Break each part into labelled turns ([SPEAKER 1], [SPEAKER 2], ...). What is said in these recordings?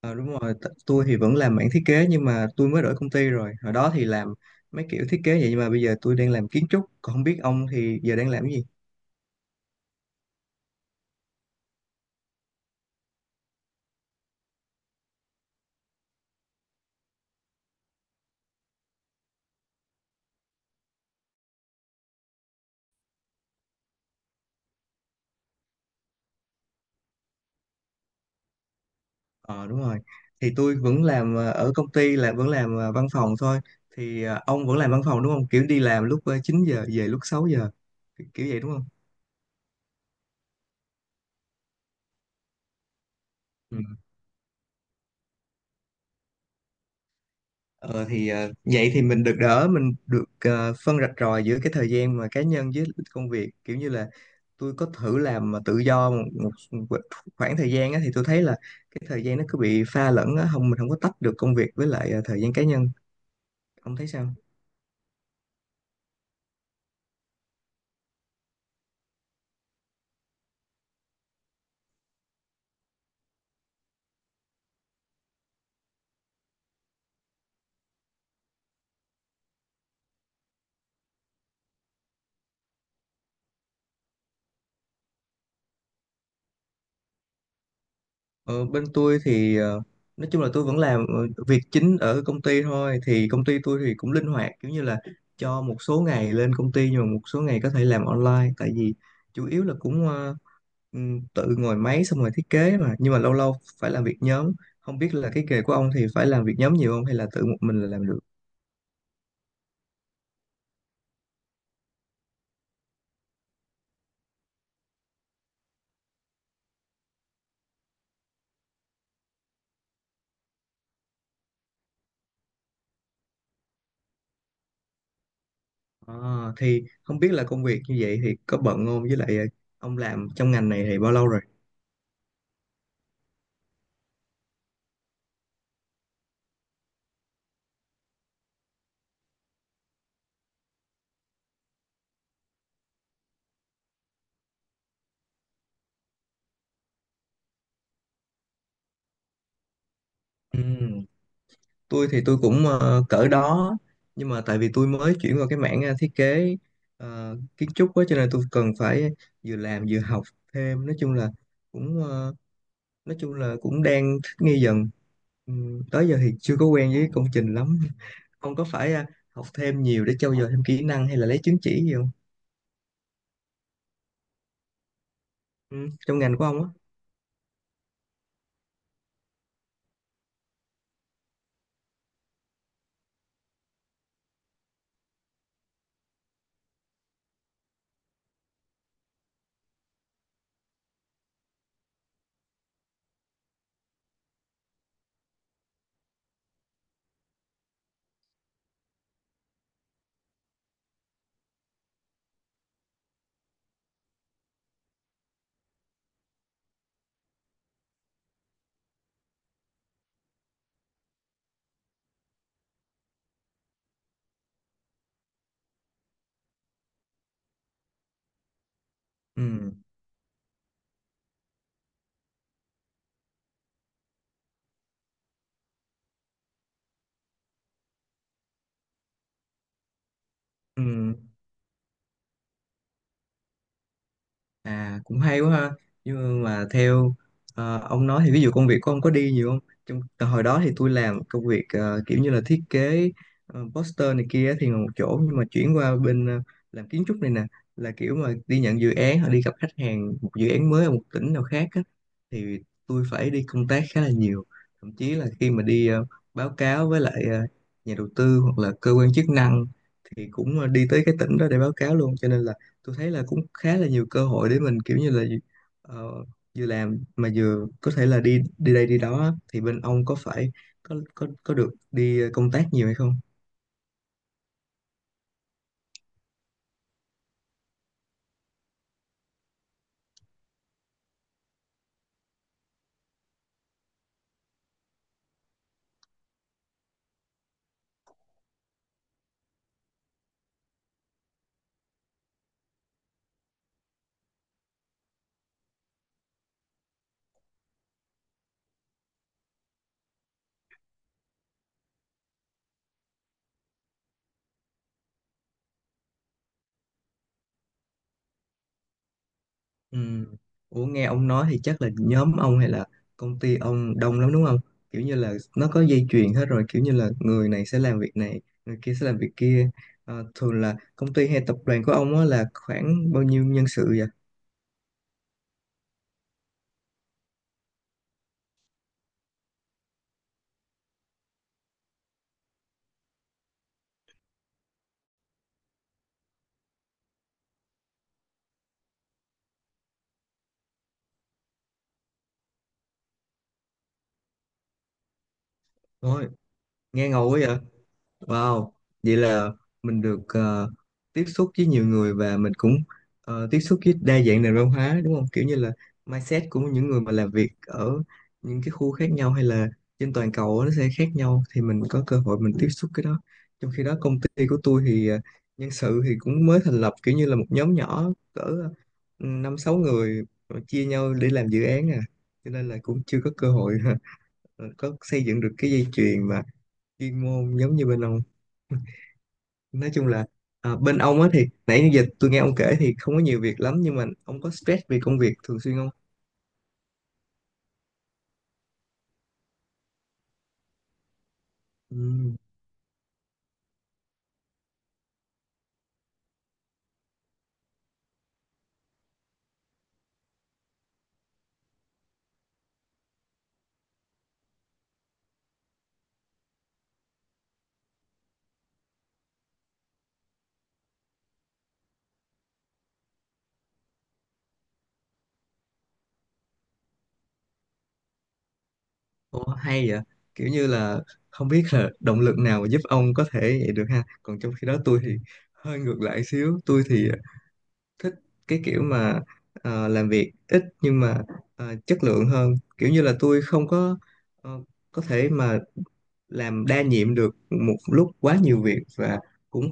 [SPEAKER 1] Ờ, đúng rồi, tôi thì vẫn làm mảng thiết kế nhưng mà tôi mới đổi công ty rồi. Hồi đó thì làm mấy kiểu thiết kế vậy nhưng mà bây giờ tôi đang làm kiến trúc, còn không biết ông thì giờ đang làm cái gì? Ờ, đúng rồi. Thì tôi vẫn làm ở công ty là vẫn làm văn phòng thôi. Thì ông vẫn làm văn phòng đúng không? Kiểu đi làm lúc 9 giờ về lúc 6 giờ. Kiểu kiểu vậy đúng không? Ừ. Ờ thì vậy thì mình được đỡ mình được phân rạch ròi giữa cái thời gian mà cá nhân với công việc, kiểu như là tôi có thử làm mà tự do một, một một khoảng thời gian á, thì tôi thấy là cái thời gian nó cứ bị pha lẫn á, không mình không có tách được công việc với lại thời gian cá nhân. Ông thấy sao? Ờ, Bên tôi thì nói chung là tôi vẫn làm việc chính ở công ty thôi. Thì công ty tôi thì cũng linh hoạt, kiểu như là cho một số ngày lên công ty nhưng mà một số ngày có thể làm online, tại vì chủ yếu là cũng tự ngồi máy xong rồi thiết kế mà, nhưng mà lâu lâu phải làm việc nhóm. Không biết là cái nghề của ông thì phải làm việc nhóm nhiều không hay là tự một mình là làm được? À, thì không biết là công việc như vậy thì có bận không, với lại ông làm trong ngành này thì bao lâu rồi? Ừ. Tôi thì tôi cũng cỡ đó, nhưng mà tại vì tôi mới chuyển vào cái mảng thiết kế kiến trúc á, cho nên tôi cần phải vừa làm vừa học thêm. Nói chung là cũng ờ, nói chung là cũng đang thích nghi dần. Ừ, tới giờ thì chưa có quen với công trình lắm. Ông có phải học thêm nhiều để trau dồi thêm kỹ năng hay là lấy chứng chỉ gì không? Ừ, trong ngành của ông á. Ừ, ừ. À, cũng hay quá ha. Nhưng mà theo ông nói thì ví dụ công việc của ông có đi nhiều không? Trong từ hồi đó thì tôi làm công việc kiểu như là thiết kế poster này kia thì ngồi một chỗ, nhưng mà chuyển qua bên làm kiến trúc này nè, là kiểu mà đi nhận dự án hoặc đi gặp khách hàng một dự án mới ở một tỉnh nào khác á, thì tôi phải đi công tác khá là nhiều. Thậm chí là khi mà đi báo cáo với lại nhà đầu tư hoặc là cơ quan chức năng thì cũng đi tới cái tỉnh đó để báo cáo luôn, cho nên là tôi thấy là cũng khá là nhiều cơ hội để mình kiểu như là ờ, vừa làm mà vừa có thể là đi đi đây đi đó á. Thì bên ông có phải có được đi công tác nhiều hay không? Ừ. Ủa, nghe ông nói thì chắc là nhóm ông hay là công ty ông đông lắm đúng không? Kiểu như là nó có dây chuyền hết rồi, kiểu như là người này sẽ làm việc này, người kia sẽ làm việc kia. Thường là công ty hay tập đoàn của ông á là khoảng bao nhiêu nhân sự vậy? Ôi, nghe ngầu quá vậy? Wow, vậy là mình được tiếp xúc với nhiều người và mình cũng tiếp xúc với đa dạng nền văn hóa đúng không? Kiểu như là mindset của những người mà làm việc ở những cái khu khác nhau hay là trên toàn cầu á, nó sẽ khác nhau thì mình có cơ hội mình tiếp xúc cái đó. Trong khi đó công ty của tôi thì nhân sự thì cũng mới thành lập, kiểu như là một nhóm nhỏ cỡ năm sáu người mà chia nhau để làm dự án à. Cho nên là cũng chưa có cơ hội có xây dựng được cái dây chuyền mà chuyên môn giống như bên ông. Nói chung là à, bên ông á thì nãy giờ tôi nghe ông kể thì không có nhiều việc lắm, nhưng mà ông có stress vì công việc thường xuyên không? Ừm. Ồ, hay vậy, kiểu như là không biết là động lực nào mà giúp ông có thể vậy được ha, còn trong khi đó tôi thì hơi ngược lại xíu. Tôi thì thích cái kiểu mà làm việc ít nhưng mà chất lượng hơn, kiểu như là tôi không có ờ, có thể mà làm đa nhiệm được một lúc quá nhiều việc, và cũng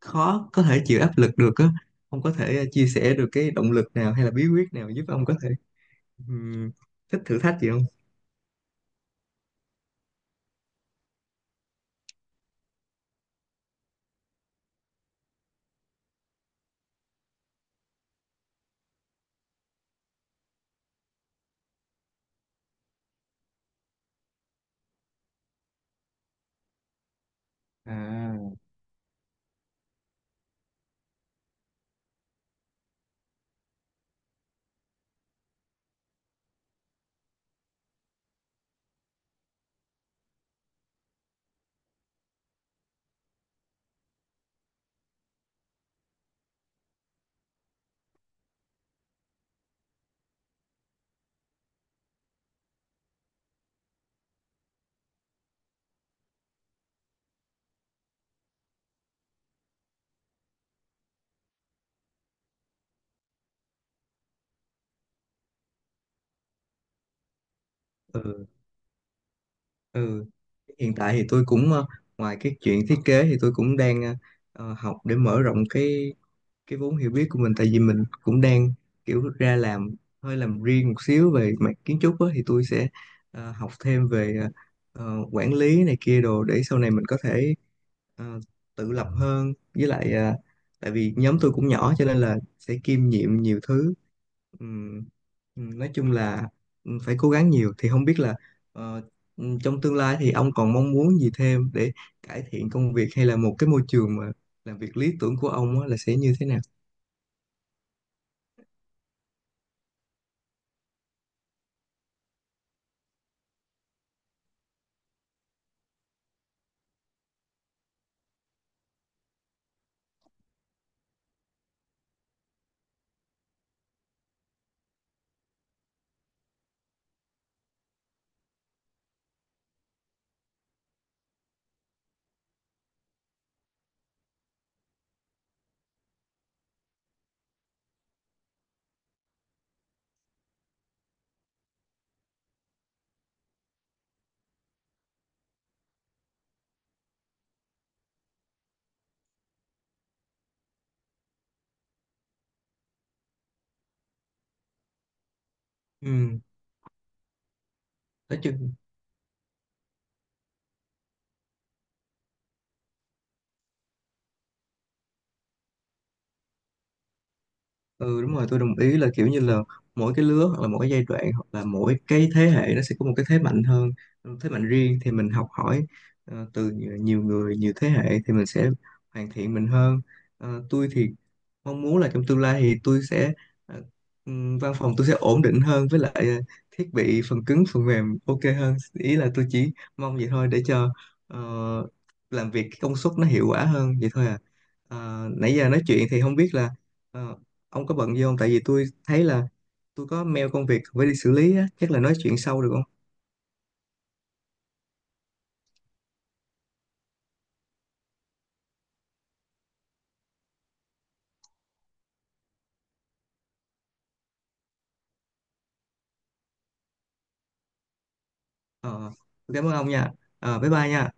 [SPEAKER 1] khó có thể chịu áp lực được á. Ông có thể chia sẻ được cái động lực nào hay là bí quyết nào giúp ông có thể ừm, thích thử thách gì không? À, ừ, ừ, hiện tại thì tôi cũng ngoài cái chuyện thiết kế thì tôi cũng đang học để mở rộng cái vốn hiểu biết của mình, tại vì mình cũng đang kiểu ra làm hơi làm riêng một xíu về mặt kiến trúc á, thì tôi sẽ học thêm về quản lý này kia đồ để sau này mình có thể ờ, tự lập hơn, với lại tại vì nhóm tôi cũng nhỏ cho nên là sẽ kiêm nhiệm nhiều thứ. Ừm, nói chung là phải cố gắng nhiều. Thì không biết là ờ, trong tương lai thì ông còn mong muốn gì thêm để cải thiện công việc, hay là một cái môi trường mà làm việc lý tưởng của ông á là sẽ như thế nào? Ừm, nói chung. Ừ, đúng rồi, tôi đồng ý là kiểu như là mỗi cái lứa hoặc là mỗi cái giai đoạn hoặc là mỗi cái thế hệ nó sẽ có một cái thế mạnh hơn, thế mạnh riêng, thì mình học hỏi từ nhiều nhiều người nhiều thế hệ thì mình sẽ hoàn thiện mình hơn. Tôi thì mong muốn là trong tương lai thì tôi sẽ ờ, văn phòng tôi sẽ ổn định hơn, với lại thiết bị phần cứng phần mềm ok hơn, ý là tôi chỉ mong vậy thôi để cho ờ, làm việc cái công suất nó hiệu quả hơn vậy thôi à. Nãy giờ nói chuyện thì không biết là ờ, ông có bận gì không, tại vì tôi thấy là tôi có mail công việc phải đi xử lý á, chắc là nói chuyện sau được không? ờ tôi cảm ơn ông nha. Bye bye nha.